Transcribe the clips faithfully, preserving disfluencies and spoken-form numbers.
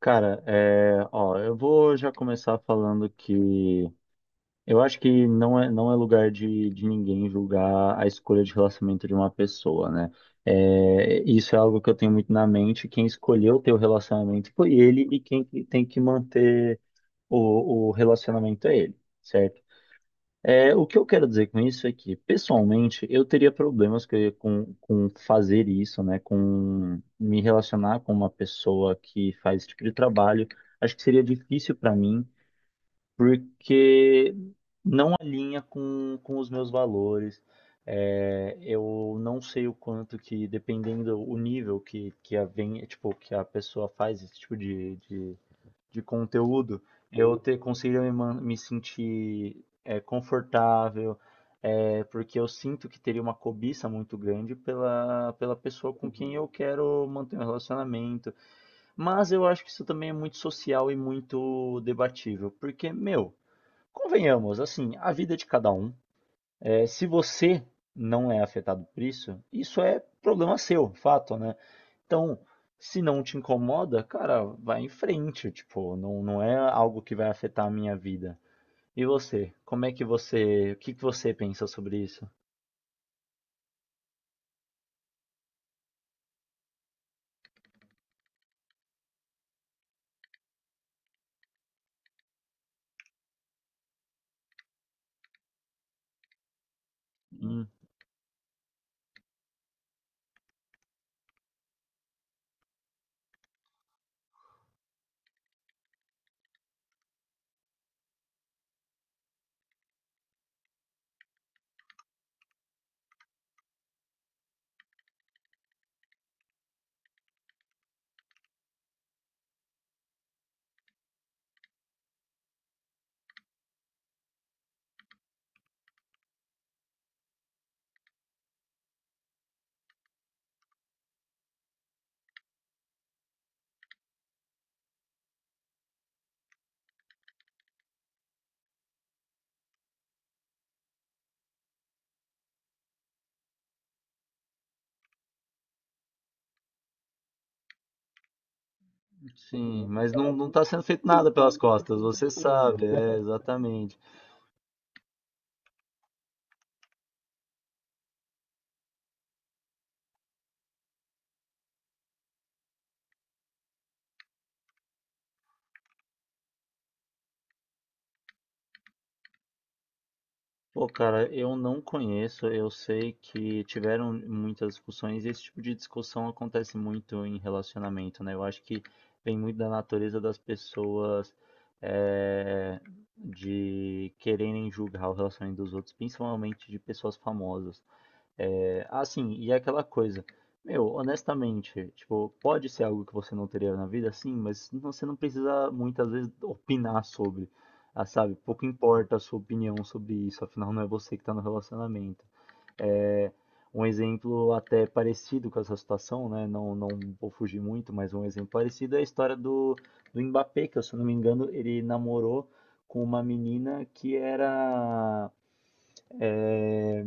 Cara, é, ó, eu vou já começar falando que eu acho que não é, não é lugar de, de ninguém julgar a escolha de relacionamento de uma pessoa, né? É, isso é algo que eu tenho muito na mente. Quem escolheu ter o relacionamento foi ele e quem que tem que manter o, o relacionamento é ele, certo? É, o que eu quero dizer com isso é que, pessoalmente, eu teria problemas que- com, com fazer isso, né? Com me relacionar com uma pessoa que faz esse tipo de trabalho. Acho que seria difícil para mim, porque não alinha com, com os meus valores. É, eu não sei o quanto que, dependendo o nível que, que a, vem, tipo, que a pessoa faz esse tipo de de de conteúdo, eu ter conseguido me, man- me sentir é, confortável, é, porque eu sinto que teria uma cobiça muito grande pela, pela pessoa com quem eu quero manter um relacionamento. Mas eu acho que isso também é muito social e muito debatível, porque, meu, convenhamos, assim, a vida é de cada um. É, se você não é afetado por isso, isso é problema seu, fato, né? Então, se não te incomoda, cara, vai em frente, tipo, não, não é algo que vai afetar a minha vida. E você? Como é que você, o que que você pensa sobre isso? Hum, sim, mas não, não tá sendo feito nada pelas costas, você sabe, é, exatamente. Pô, cara, eu não conheço, eu sei que tiveram muitas discussões e esse tipo de discussão acontece muito em relacionamento, né? Eu acho que vem muito da natureza das pessoas eh, de quererem julgar o relacionamento dos outros, principalmente de pessoas famosas. É, ah, sim, e é aquela coisa. Meu, honestamente, tipo, pode ser algo que você não teria na vida, sim, mas não- você não precisa muitas vezes opinar sobre, ah, sabe? Pouco importa a sua opinião sobre isso, afinal não é você que está no relacionamento. É um exemplo até parecido com essa situação, né? Não, não vou fugir muito, mas um exemplo parecido é a história do, do Mbappé, que, se eu não me engano, ele namorou com uma menina que era é,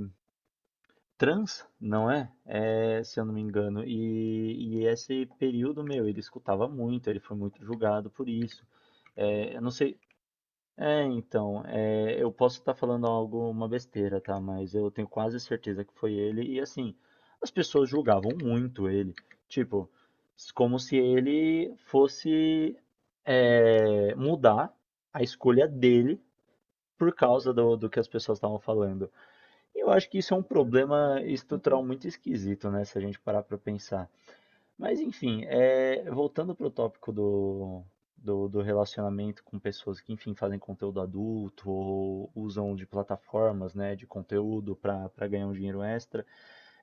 trans, não é? Eh, se eu não me engano. E e esse período, meu, ele escutava muito, ele foi muito julgado por isso. Eh, eu não sei é, então, eh, eu posso estar falando algo uma besteira, tá? Mas eu tenho quase certeza que foi ele. E assim, as pessoas julgavam muito ele. Tipo, s- como se ele fosse eh, mudar a escolha dele por causa do do que as pessoas estavam falando. Eu acho que isso é um problema estrutural muito esquisito, né? Se a gente parar para pensar. Mas, enfim, é, voltando para o tópico do, do, do relacionamento com pessoas que, enfim, fazem conteúdo adulto ou usam de plataformas, né, de conteúdo para para ganhar um dinheiro extra,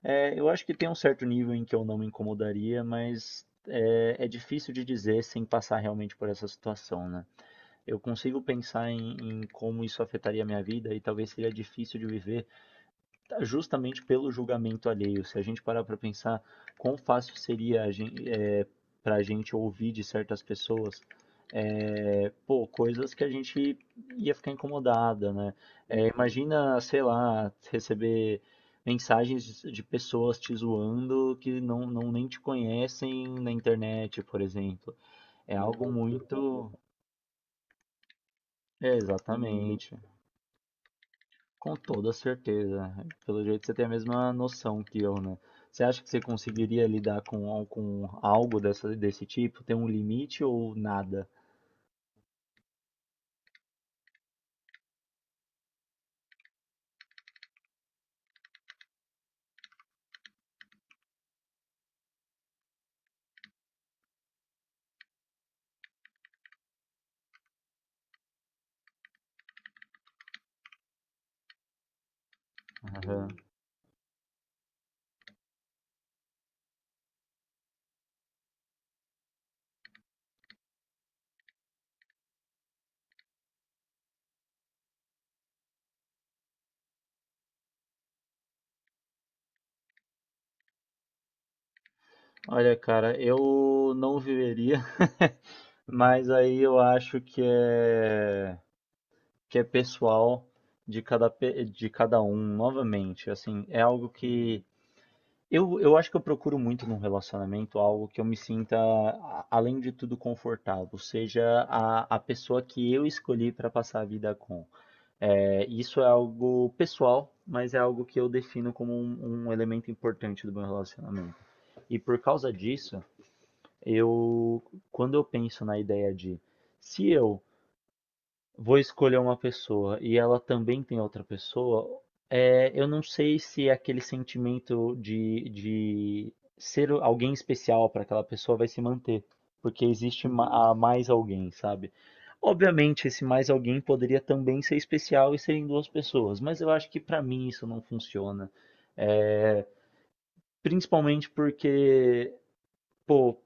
é, eu acho que tem um certo nível em que eu não me incomodaria, mas é, é difícil de dizer sem passar realmente por essa situação, né? Eu consigo pensar em, em como isso afetaria a minha vida e talvez seria difícil de viver justamente pelo julgamento alheio. Se a gente parar para pensar quão fácil seria é, para a gente ouvir de certas pessoas é, pô, coisas que a gente ia ficar incomodada, né? É, imagina, sei lá, receber mensagens de de pessoas te zoando que não, não nem te conhecem na internet, por exemplo. É algo muito. É, exatamente. Com toda certeza. Pelo jeito você tem a mesma noção que eu, né? Você acha que você conseguiria lidar com, al- com algo dessa, desse tipo? Tem um limite ou nada? Aham. Olha, cara, eu não viveria, mas aí eu acho que é, que é pessoal de cada, pe- de cada um, novamente. Assim, é algo que Eu, eu acho que eu procuro muito num relacionamento algo que eu me sinta, a- além de tudo, confortável, seja a, a pessoa que eu escolhi para passar a vida com. É, isso é algo pessoal, mas é algo que eu defino como um, um elemento importante do meu relacionamento. E por causa disso, eu, quando eu penso na ideia de se eu vou escolher uma pessoa e ela também tem outra pessoa, eh, eu não sei se é aquele sentimento de, de ser alguém especial para aquela pessoa vai se manter, porque existe ma- a mais alguém, sabe? Obviamente, esse mais alguém poderia também ser especial e serem duas pessoas, mas eu acho que para mim isso não funciona. Eh, Principalmente porque, pô,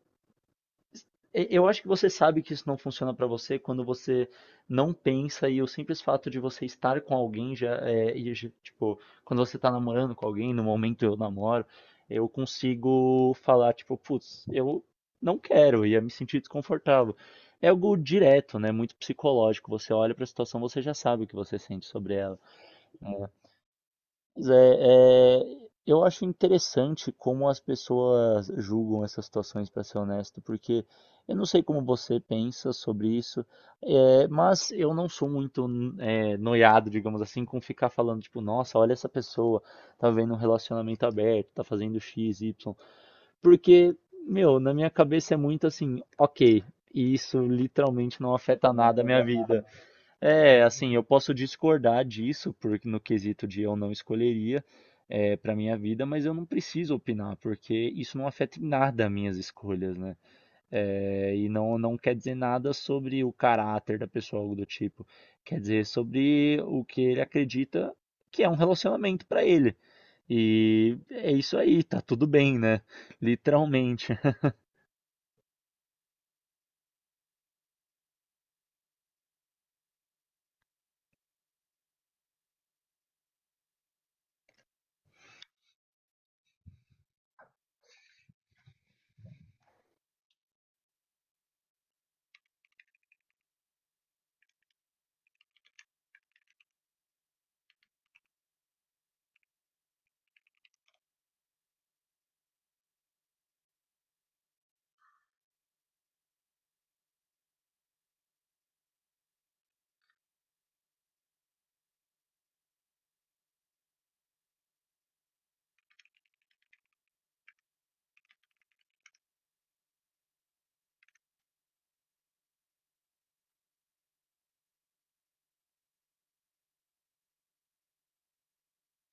e- eu acho que você sabe que isso não funciona pra você quando você não pensa e o simples fato de você estar com alguém já é, e já- tipo, quando você tá namorando com alguém, no momento eu namoro, eu consigo falar tipo, putz, eu não quero, ia me sentir desconfortável. É algo direto, né? Muito psicológico. Você olha pra situação, você já sabe o que você sente sobre ela. Pois é, é, eu acho interessante como as pessoas julgam essas situações, para ser honesto, porque eu não sei como você pensa sobre isso, é, mas eu não sou muito é, noiado, digamos assim, com ficar falando, tipo, nossa, olha essa pessoa, tá vendo um relacionamento aberto, tá fazendo X, Y, porque, meu, na minha cabeça é muito assim, ok, e isso literalmente não afeta nada a minha vida. É, assim, eu posso discordar disso, porque no quesito de eu não escolheria é, para minha vida, mas eu não preciso opinar, porque isso não afeta em nada minhas escolhas, né? É, e não, não quer dizer nada sobre o caráter da pessoa, algo do tipo. Quer dizer sobre o que ele acredita que é um relacionamento para ele. E é isso aí, tá tudo bem, né? Literalmente.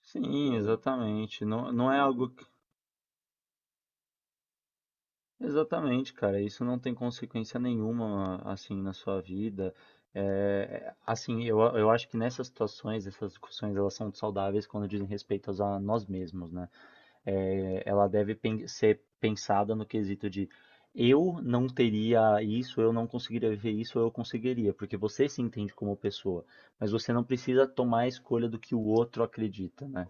Sim, exatamente. Não, não é algo. Exatamente, cara. Isso não tem consequência nenhuma, assim, na sua vida. É, assim, eu, eu acho que nessas situações, essas discussões, elas são saudáveis quando dizem respeito a nós mesmos, né? É, ela deve pen- ser pensada no quesito de eu não teria isso, eu não conseguiria viver isso, eu conseguiria, porque você se entende como pessoa, mas você não precisa tomar a escolha do que o outro acredita, né?